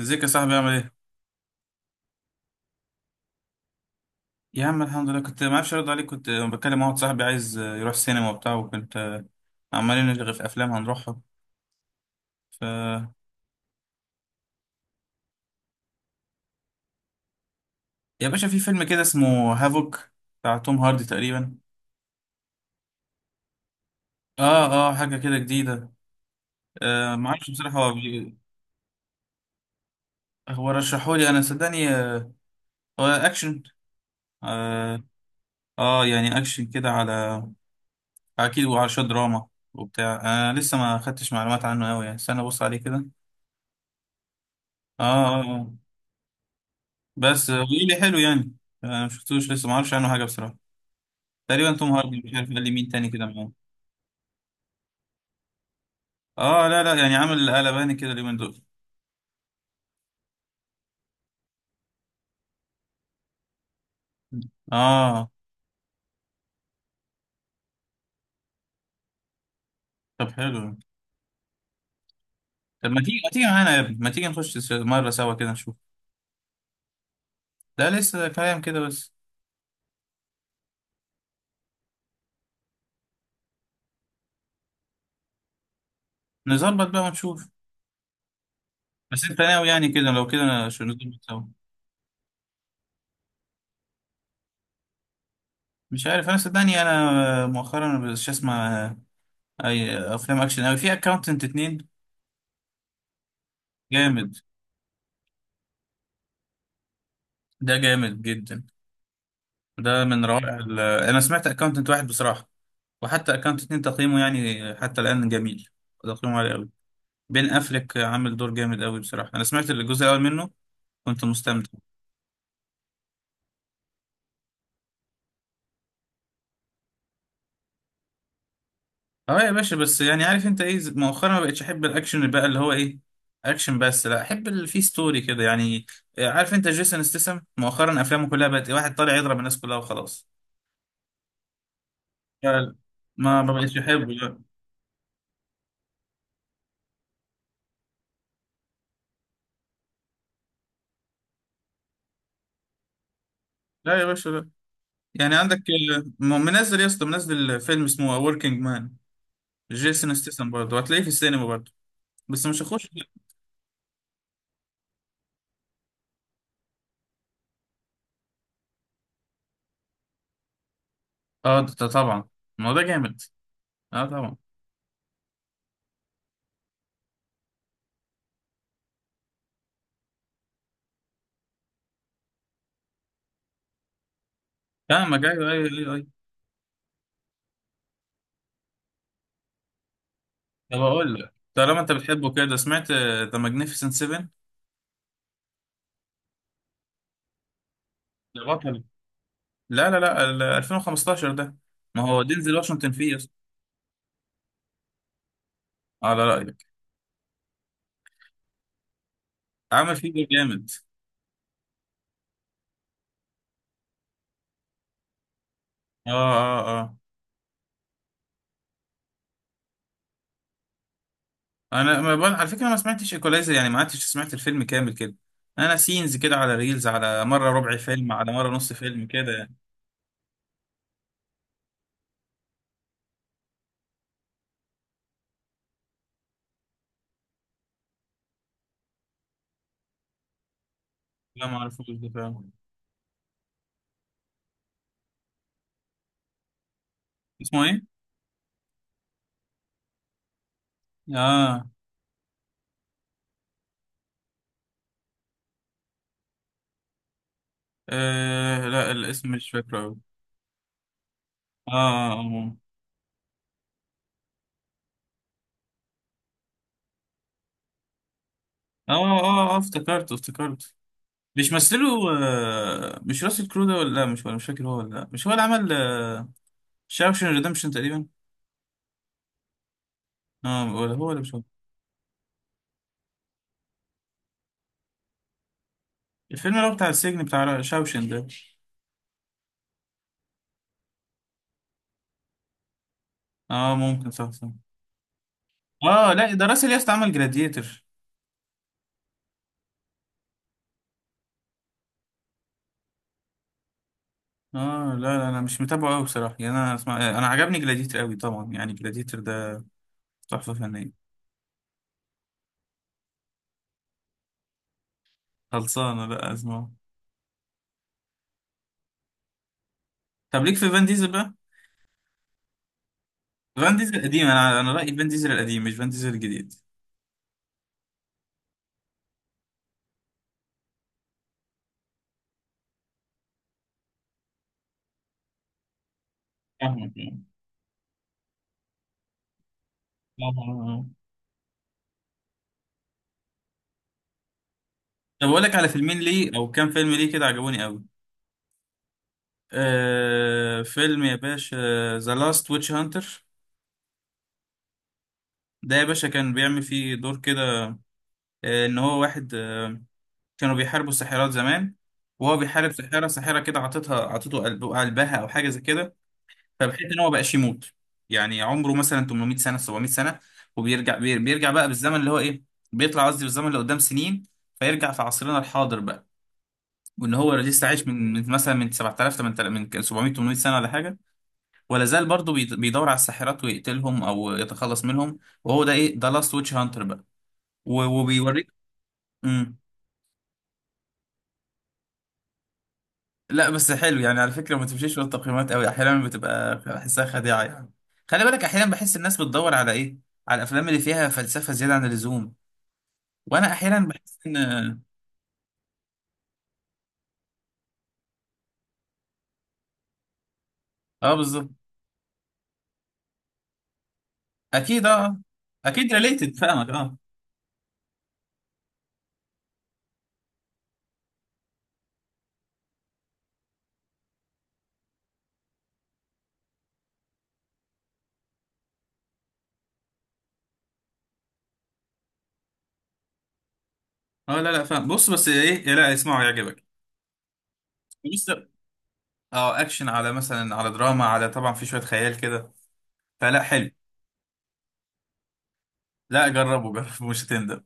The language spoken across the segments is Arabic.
ازيك يا صاحبي؟ عامل ايه؟ يا عم الحمد لله، كنت ما اعرفش ارد عليك، كنت بكلم واحد صاحبي عايز يروح سينما وبتاع، وكنت عمالين نلغي في افلام هنروحها. ف يا باشا، في فيلم كده اسمه هافوك، بتاع توم هاردي تقريبا. اه حاجه كده جديده. آه، ما اعرفش بصراحه، هو رشحه لي انا، صدقني. آه، هو اكشن. آه, اه يعني اكشن كده على، اكيد وعلى شويه دراما وبتاع. انا آه، لسه ما خدتش معلومات عنه قوي، يعني استنى ابص عليه كده. اه اه آه. بس قولي لي حلو يعني. انا مشفتوش لسه، ما اعرفش عنه حاجه بصراحه. تقريبا توم هاردي، مش عارف قال لي مين تاني كده معاه. اه لا لا يعني، عامل قلباني كده اليومين دول. اه طب حلو. طب ما تيجي معانا يا ابني، ما تيجي نخش مره سوا كده نشوف. ده لسه كلام كده بس. نظبط بقى ونشوف. بس انت ناوي يعني كده؟ لو كده أنا شو نظبط سوا. مش عارف، انا صدقني انا مؤخرا مش اسمع اي افلام اكشن اوي. في اكاونتنت اتنين، جامد، ده جامد جدا. ده من روائع ال- انا سمعت اكاونتنت واحد بصراحه، وحتى اكانت اتنين تقييمه يعني حتى الان جميل، تقييمه عالي قوي. بين افلك عامل دور جامد قوي بصراحه. انا سمعت الجزء الاول منه، كنت مستمتع. اه يا باشا، بس يعني عارف انت ايه، مؤخرا ما بقتش احب الاكشن بقى، اللي هو ايه، اكشن بس. لا، احب اللي فيه ستوري كده يعني. عارف انت جيسون استسم مؤخرا افلامه كلها بقت إيه، واحد طالع يضرب الناس كلها وخلاص. لا، ما بقتش احبه لا. لا يا باشا لا. يعني عندك منزل يا اسطى، منزل فيلم اسمه وركينج مان، جيسون استسم برضه، هتلاقيه في السينما برضه. بس مش هخش. اه، ده طبعا، ما هو ده جامد. اه طبعا. فاهمك. ايوه ايوه ايوه ايوه. طب اقول لك، طالما انت بتحبه كده، سمعت ذا ماجنيفيسنت 7؟ ده بطل. لا لا لا، ال 2015 ده. ما هو دينزل واشنطن فيه يا اسطى، على رايك. عمل فيه دور جامد. اه اه اه انا ما بقول على فكره ما سمعتش ايكولايزر يعني ما قعدتش سمعت الفيلم كامل كده انا سينز كده على ريلز على مره ربع فيلم على مره نص فيلم كده يعني لا ما اعرفوش ده فعلا اسمه ايه؟ اه, آه لا الاسم مش فاكره أوي. اه اه اه اه اه آه، افتكرته افتكرته. مش مثله آه، مش راسل كرو ده ولا لا؟ مش ولا مش فاكر هو ولا لا؟ مش هو اللي عمل شاوشن ريدمشن تقريبا؟ اه ولا هو ولا مش هو. الفيلم اللي هو بتاع السجن، بتاع شاوشن ده. اه، ممكن، صح صح. اه لا، ده راسل، ياست، عمل جلاديتر. اه لا لا، انا مش متابعه قوي بصراحه يعني، انا اسمع آه، انا عجبني جلاديتر قوي طبعا، يعني جلاديتر ده تحفه فنيه. خلصانه لا اسمعه. طب ليك في فان ديزل بقى. فان ديزل القديم، انا رايي فان ديزل القديم مش فان ديزل الجديد. فاهمك طبعا. طب اقول لك على فيلمين ليه، او كام فيلم ليه كده عجبوني قوي. آه فيلم يا باشا، ذا لاست ويتش هانتر. ده يا باشا كان بيعمل فيه دور كده، آه ان هو واحد آه، كانوا بيحاربوا الساحرات زمان، وهو بيحارب ساحره، ساحره كده عطته قلبها او حاجه زي كده، فبحيث ان هو بقاش يموت. يعني عمره مثلا 800 سنه، 700 سنه. بيرجع بقى بالزمن اللي هو ايه، بيطلع، قصدي بالزمن اللي قدام سنين. فيرجع في عصرنا الحاضر بقى، وان هو لسه عايش من مثلا من 7000 8000، من 700 800 سنه ولا حاجه. ولا زال برضه بيدور على الساحرات ويقتلهم او يتخلص منهم. وهو ده ايه، ده لاست ويتش هانتر بقى. وبيوريك. امم لا بس حلو يعني. على فكره ما تمشيش ورا التقييمات قوي، احيانا بتبقى بحسها خديعه يعني. خلي بالك، احيانا بحس الناس بتدور على ايه؟ على الافلام اللي فيها فلسفه زياده عن اللزوم. وانا احيانا بحس ان، اه بالظبط. اكيد اه. اكيد ريليتد، فاهمك اه. اه لا لا فاهم. بص بس ايه، إيه لا، اسمعوا يعجبك. بص، اه اكشن على مثلا على دراما، على طبعا في شويه خيال كده، فلا حلو. لا جربه، جرب مش هتندم.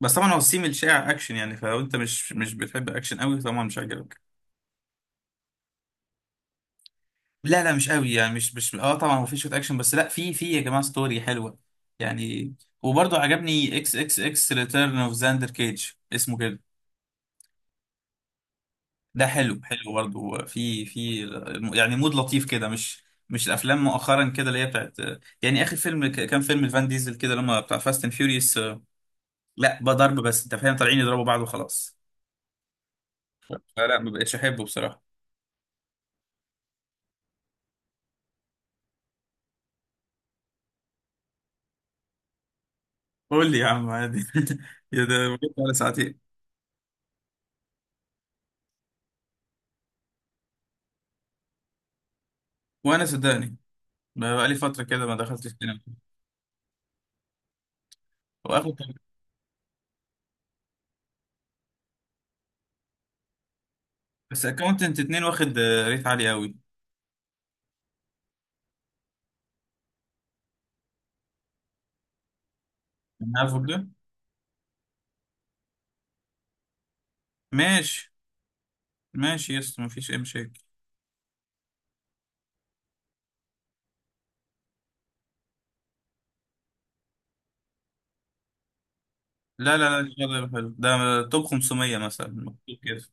بس طبعا هو السيم الشائع اكشن يعني، فلو انت مش بتحب اكشن قوي طبعا مش هيعجبك. لا لا مش قوي يعني، مش اه، طبعا هو في شويه اكشن بس، لا، في يا جماعه ستوري حلوه يعني. وبرضه عجبني اكس اكس اكس ريتيرن اوف زاندر كيج اسمه كده. ده حلو، حلو برضه، في يعني مود لطيف كده، مش الافلام مؤخرا كده اللي هي بتاعت يعني. اخر فيلم كان فيلم الفان ديزل كده، لما بتاع فاست اند فيوريوس، لا بقى ضرب بس. انت فاهم طالعين يضربوا بعض وخلاص. فلا ما بقتش احبه بصراحه. قول لي يا عم عادي. يا ده بقيت على ساعتين. وانا صدقني ما بقى لي فتره كده ما دخلتش السينما. واخد. بس اكونتنت اتنين واخد آه، ريت عالي قوي. أنا عارفه ده. ماشي ماشي يا اسطى، مفيش اي مشاكل. لا لا لا، ده حلو ده، توب 500 مثلا مكتوب كده.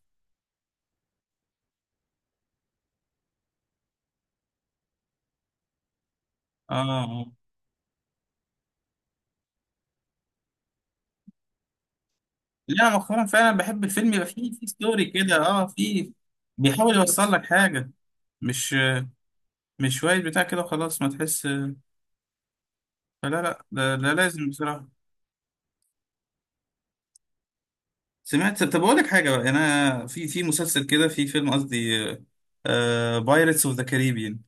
اه آه. لا مؤخرا فعلا بحب الفيلم يبقى فيه، فيه ستوري كده اه، فيه بيحاول يوصل لك حاجه، مش مش شوية بتاع كده وخلاص ما تحس. فلا لا ده لازم بصراحة. سمعت، طب أقول لك حاجة بقى، أنا في مسلسل كده، في فيلم قصدي، بايرتس اوف ذا كاريبيان.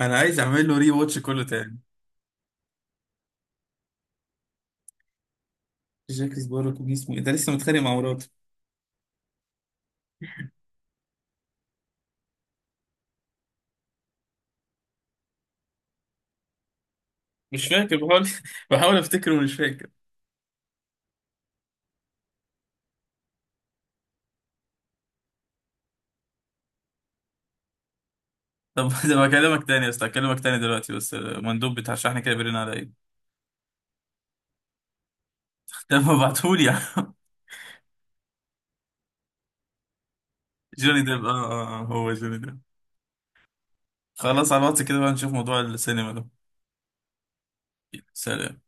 أنا عايز أعمل له ري واتش كله تاني. جاك سبارو كان اسمه إيه؟ ده لسه متخانق مع مراته. مش فاكر، بحاول بحاول أفتكره ومش فاكر. طب ده بكلمك تاني يا أسطى، هكلمك تاني دلوقتي، بس المندوب بتاع الشحن كده بيرن على إيه. طب ما ابعتهولي يا عم. جوني ديب آه آه آه، هو جوني ديب. خلاص، على الواتس كده بقى نشوف موضوع السينما ده. سلام.